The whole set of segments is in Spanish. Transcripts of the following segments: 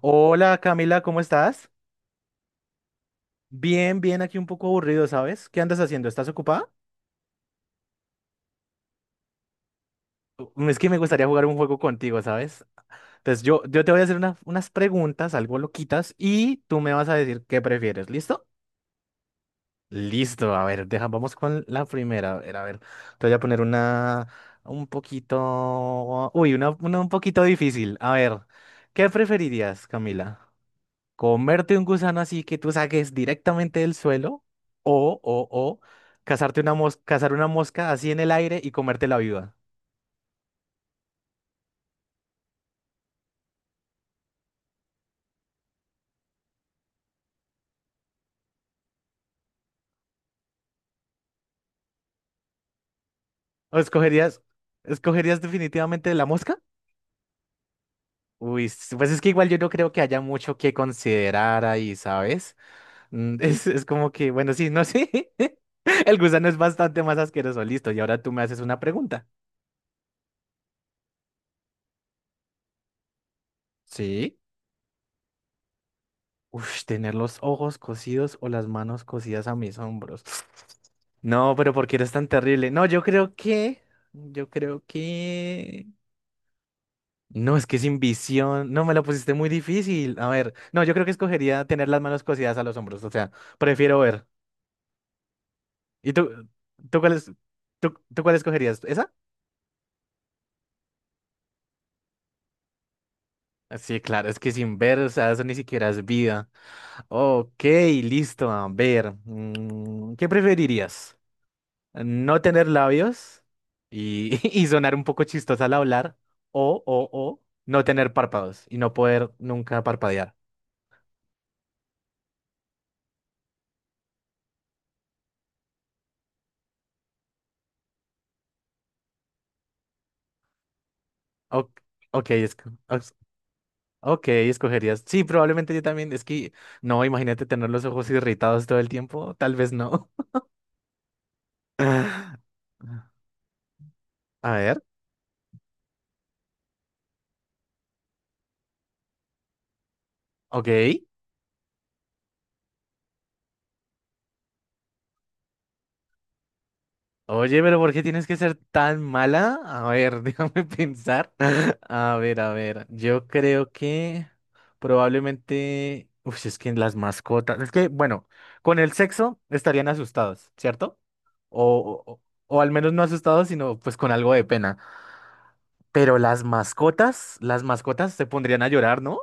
Hola Camila, ¿cómo estás? Bien, bien, aquí un poco aburrido, ¿sabes? ¿Qué andas haciendo? ¿Estás ocupada? Es que me gustaría jugar un juego contigo, ¿sabes? Entonces yo te voy a hacer unas preguntas, algo loquitas, y tú me vas a decir qué prefieres, ¿listo? Listo, a ver, deja, vamos con la primera, a ver, te voy a poner una un poquito, uy, una un poquito difícil, a ver, ¿qué preferirías, Camila? Comerte un gusano así que tú saques directamente del suelo o cazar una mosca así en el aire y comértela viva. ¿O escogerías definitivamente la mosca? Uy, pues es que igual yo no creo que haya mucho que considerar ahí, ¿sabes? Mm, Es como que, bueno, sí, no sé. El gusano es bastante más asqueroso, listo. Y ahora tú me haces una pregunta. Sí. Uf, tener los ojos cosidos o las manos cosidas a mis hombros. No, pero ¿por qué eres tan terrible? No, yo creo que... No, es que sin visión. No, me la pusiste muy difícil. A ver, no, yo creo que escogería tener las manos cosidas a los hombros. O sea, prefiero ver. ¿Y tú, tú cuál es- tú cuál escogerías? ¿Esa? Ah, sí, claro, es que sin ver, o sea, eso ni siquiera es vida. Ok, listo, a ver. ¿Qué preferirías? No tener labios y, y sonar un poco chistosa al hablar, o no tener párpados y no poder nunca parpadear. Ok, ok, ok, escogerías. Sí, probablemente yo también. Es que, no, imagínate tener los ojos irritados todo el tiempo. Tal vez no. A ver, ok. Oye, pero ¿por qué tienes que ser tan mala? A ver, déjame pensar. A ver, a ver. Yo creo que probablemente. Uf, es que las mascotas. Es que, bueno, con el sexo estarían asustados, ¿cierto? O, o, o al menos no asustados, sino pues con algo de pena. Pero las mascotas se pondrían a llorar, ¿no?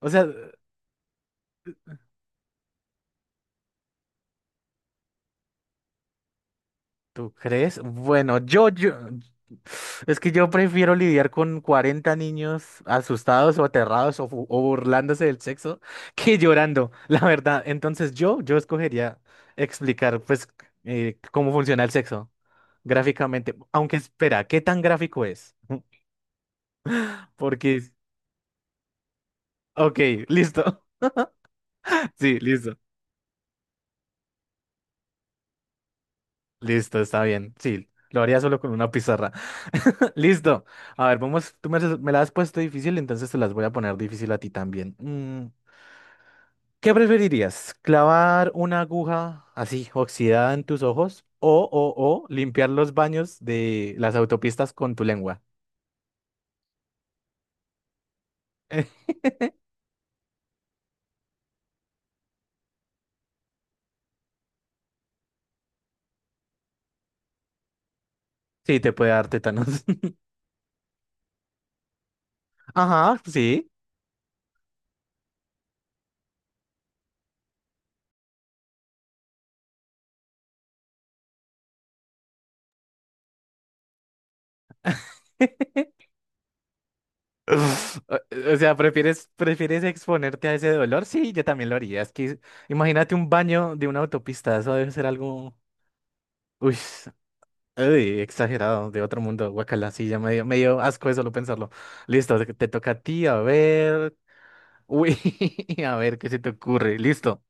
O sea. ¿Tú crees? Bueno, yo, es que yo prefiero lidiar con 40 niños asustados o aterrados o o burlándose del sexo que llorando, la verdad. Entonces yo escogería explicar, pues, cómo funciona el sexo gráficamente. Aunque espera, ¿qué tan gráfico es? Porque, ok, listo. Sí, listo. Listo, está bien. Sí, lo haría solo con una pizarra. Listo. A ver, vamos. Me la has puesto difícil, entonces te las voy a poner difícil a ti también. Mm, ¿qué preferirías? ¿Clavar una aguja así oxidada en tus ojos o, o limpiar los baños de las autopistas con tu lengua? Sí, te puede dar tétanos. Ajá, sí. O sea, prefieres exponerte a ese dolor? Sí, yo también lo haría. Es que imagínate un baño de una autopista, eso debe ser algo, uy, uy, exagerado, de otro mundo, guacala, sí, me dio asco de solo pensarlo. Listo, te toca a ti, a ver, uy, a ver qué se te ocurre, listo.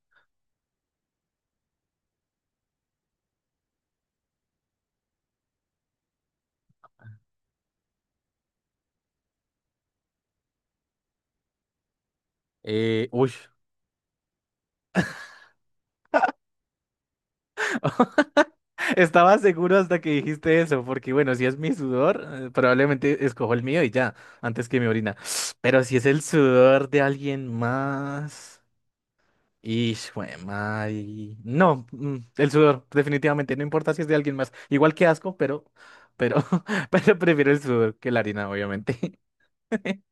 Uy, estaba seguro hasta que dijiste eso, porque bueno, si es mi sudor, probablemente escojo el mío y ya, antes que mi orina. Pero si es el sudor de alguien más. Y madre. No, el sudor, definitivamente, no importa si es de alguien más. Igual que asco, pero, pero prefiero el sudor que la harina, obviamente.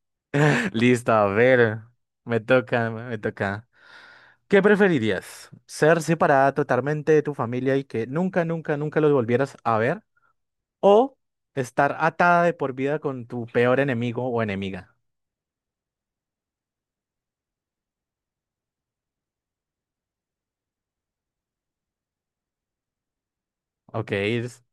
Listo, a ver. Me toca. ¿Qué preferirías? ¿Ser separada totalmente de tu familia y que nunca, nunca, nunca los volvieras a ver? ¿O estar atada de por vida con tu peor enemigo o enemiga? Ok,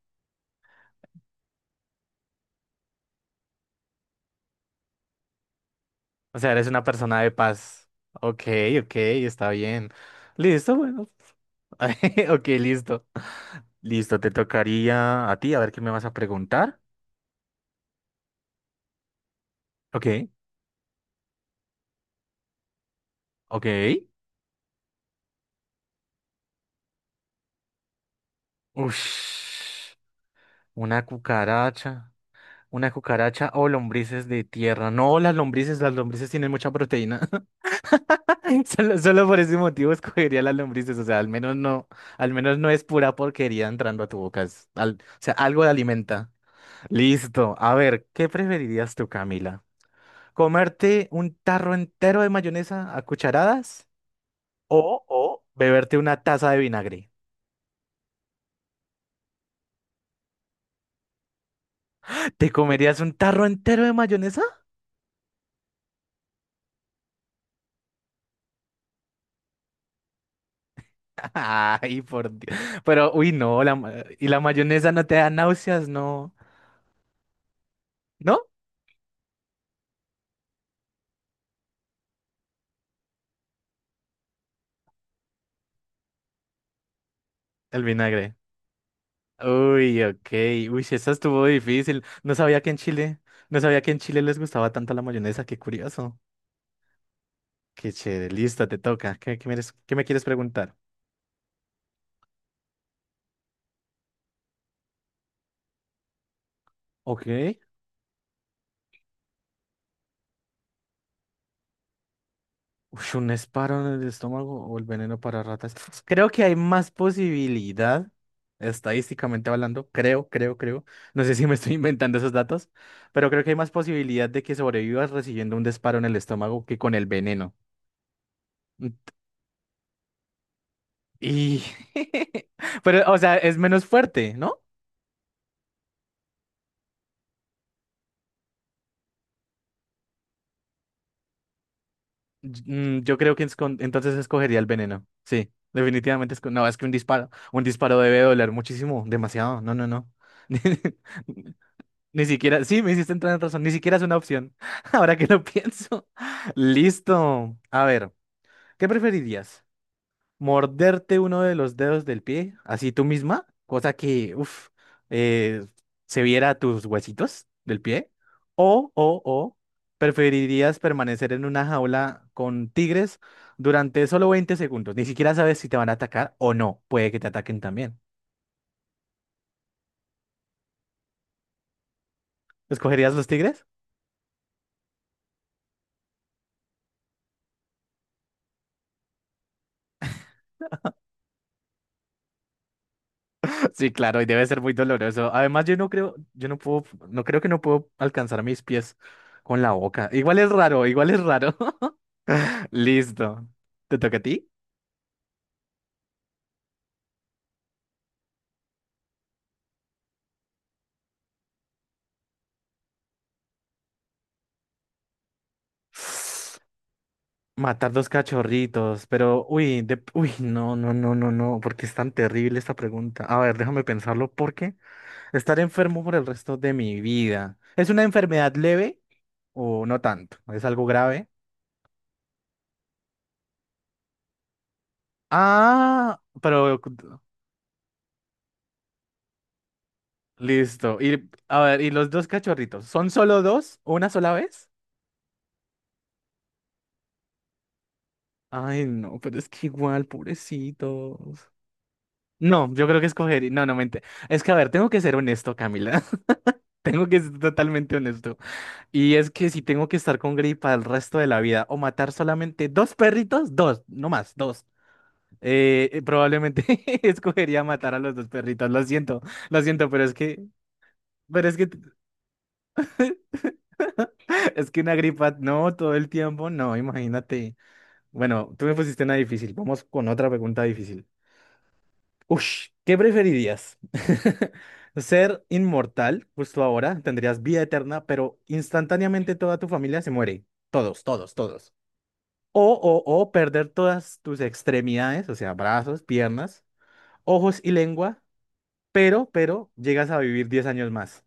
o sea, eres una persona de paz. Ok, ok, está bien. Listo, bueno. Ok, listo. Listo, te tocaría a ti, a ver qué me vas a preguntar. Ok, ok. Ush, una cucaracha. Una cucaracha o lombrices de tierra. No, las lombrices tienen mucha proteína. Solo por ese motivo escogería las lombrices. O sea, al menos no es pura porquería entrando a tu boca. O sea, algo de alimenta. Listo. A ver, ¿qué preferirías tú, Camila? ¿Comerte un tarro entero de mayonesa a cucharadas? O beberte una taza de vinagre. ¿Te comerías un tarro entero de mayonesa? Ay, por Dios. Pero, uy, no, y la mayonesa no te da náuseas, no. ¿No? El vinagre. Uy, ok. Uy, sí, esa estuvo difícil. No sabía que en Chile, no sabía que en Chile les gustaba tanto la mayonesa, qué curioso. Qué chévere, listo, te toca. Qué me quieres preguntar? Ok. Uy, un disparo en el estómago o el veneno para ratas. Creo que hay más posibilidad, estadísticamente hablando, creo, creo, creo. No sé si me estoy inventando esos datos, pero creo que hay más posibilidad de que sobrevivas recibiendo un disparo en el estómago que con el veneno. Mm, y... Pero, o sea, es menos fuerte, ¿no? Yo creo que es entonces escogería el veneno. Sí, definitivamente. No, es que un disparo debe doler muchísimo, demasiado. No, no, no. Ni siquiera, sí, me hiciste entrar en razón, ni siquiera es una opción. Ahora que lo pienso. Listo. A ver, ¿qué preferirías? ¿Morderte uno de los dedos del pie, así tú misma? Cosa que, uff, se viera tus huesitos del pie. O, o, o, ¿Preferirías permanecer en una jaula con tigres durante solo 20 segundos? Ni siquiera sabes si te van a atacar o no. Puede que te ataquen también. ¿Escogerías los tigres? Sí, claro, y debe ser muy doloroso. Además, yo no creo, yo no puedo, no creo que no puedo alcanzar mis pies con la boca. Igual es raro, igual es raro. Listo. ¿Te toca a ti? Matar dos cachorritos, pero uy, de, uy, no, no, no, no, no, porque es tan terrible esta pregunta. A ver, déjame pensarlo, porque estar enfermo por el resto de mi vida. ¿Es una enfermedad leve o no tanto? ¿Es algo grave? Ah, pero listo. Y a ver, ¿y los dos cachorritos? ¿Son solo dos? ¿O una sola vez? Ay, no, pero es que igual, pobrecitos. No, yo creo que escogería. No, no, mente. Es que, a ver, tengo que ser honesto, Camila. Tengo que ser totalmente honesto. Y es que si tengo que estar con gripa el resto de la vida o matar solamente dos perritos, dos, no más, dos. Probablemente escogería matar a los dos perritos. Lo siento, pero es que, es que una gripa, no, todo el tiempo, no, imagínate. Bueno, tú me pusiste una difícil. Vamos con otra pregunta difícil. Ush, ¿qué preferirías? ¿Ser inmortal justo ahora? Tendrías vida eterna, pero instantáneamente toda tu familia se muere. Todos, todos, todos. O, o perder todas tus extremidades, o sea, brazos, piernas, ojos y lengua, pero llegas a vivir 10 años más.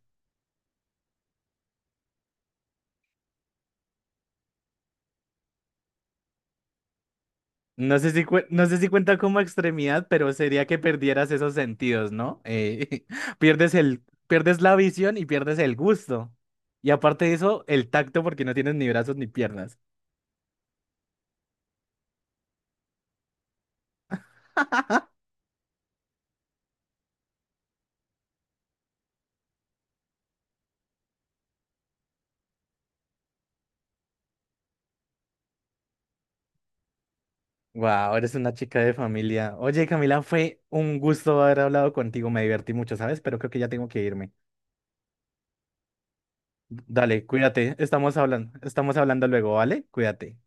No sé si, no sé si cuenta como extremidad, pero sería que perdieras esos sentidos, ¿no? Pierdes el, pierdes la visión y pierdes el gusto. Y aparte de eso, el tacto porque no tienes ni brazos ni piernas. Wow, eres una chica de familia. Oye, Camila, fue un gusto haber hablado contigo. Me divertí mucho, ¿sabes? Pero creo que ya tengo que irme. Dale, cuídate. Estamos hablando luego, ¿vale? Cuídate.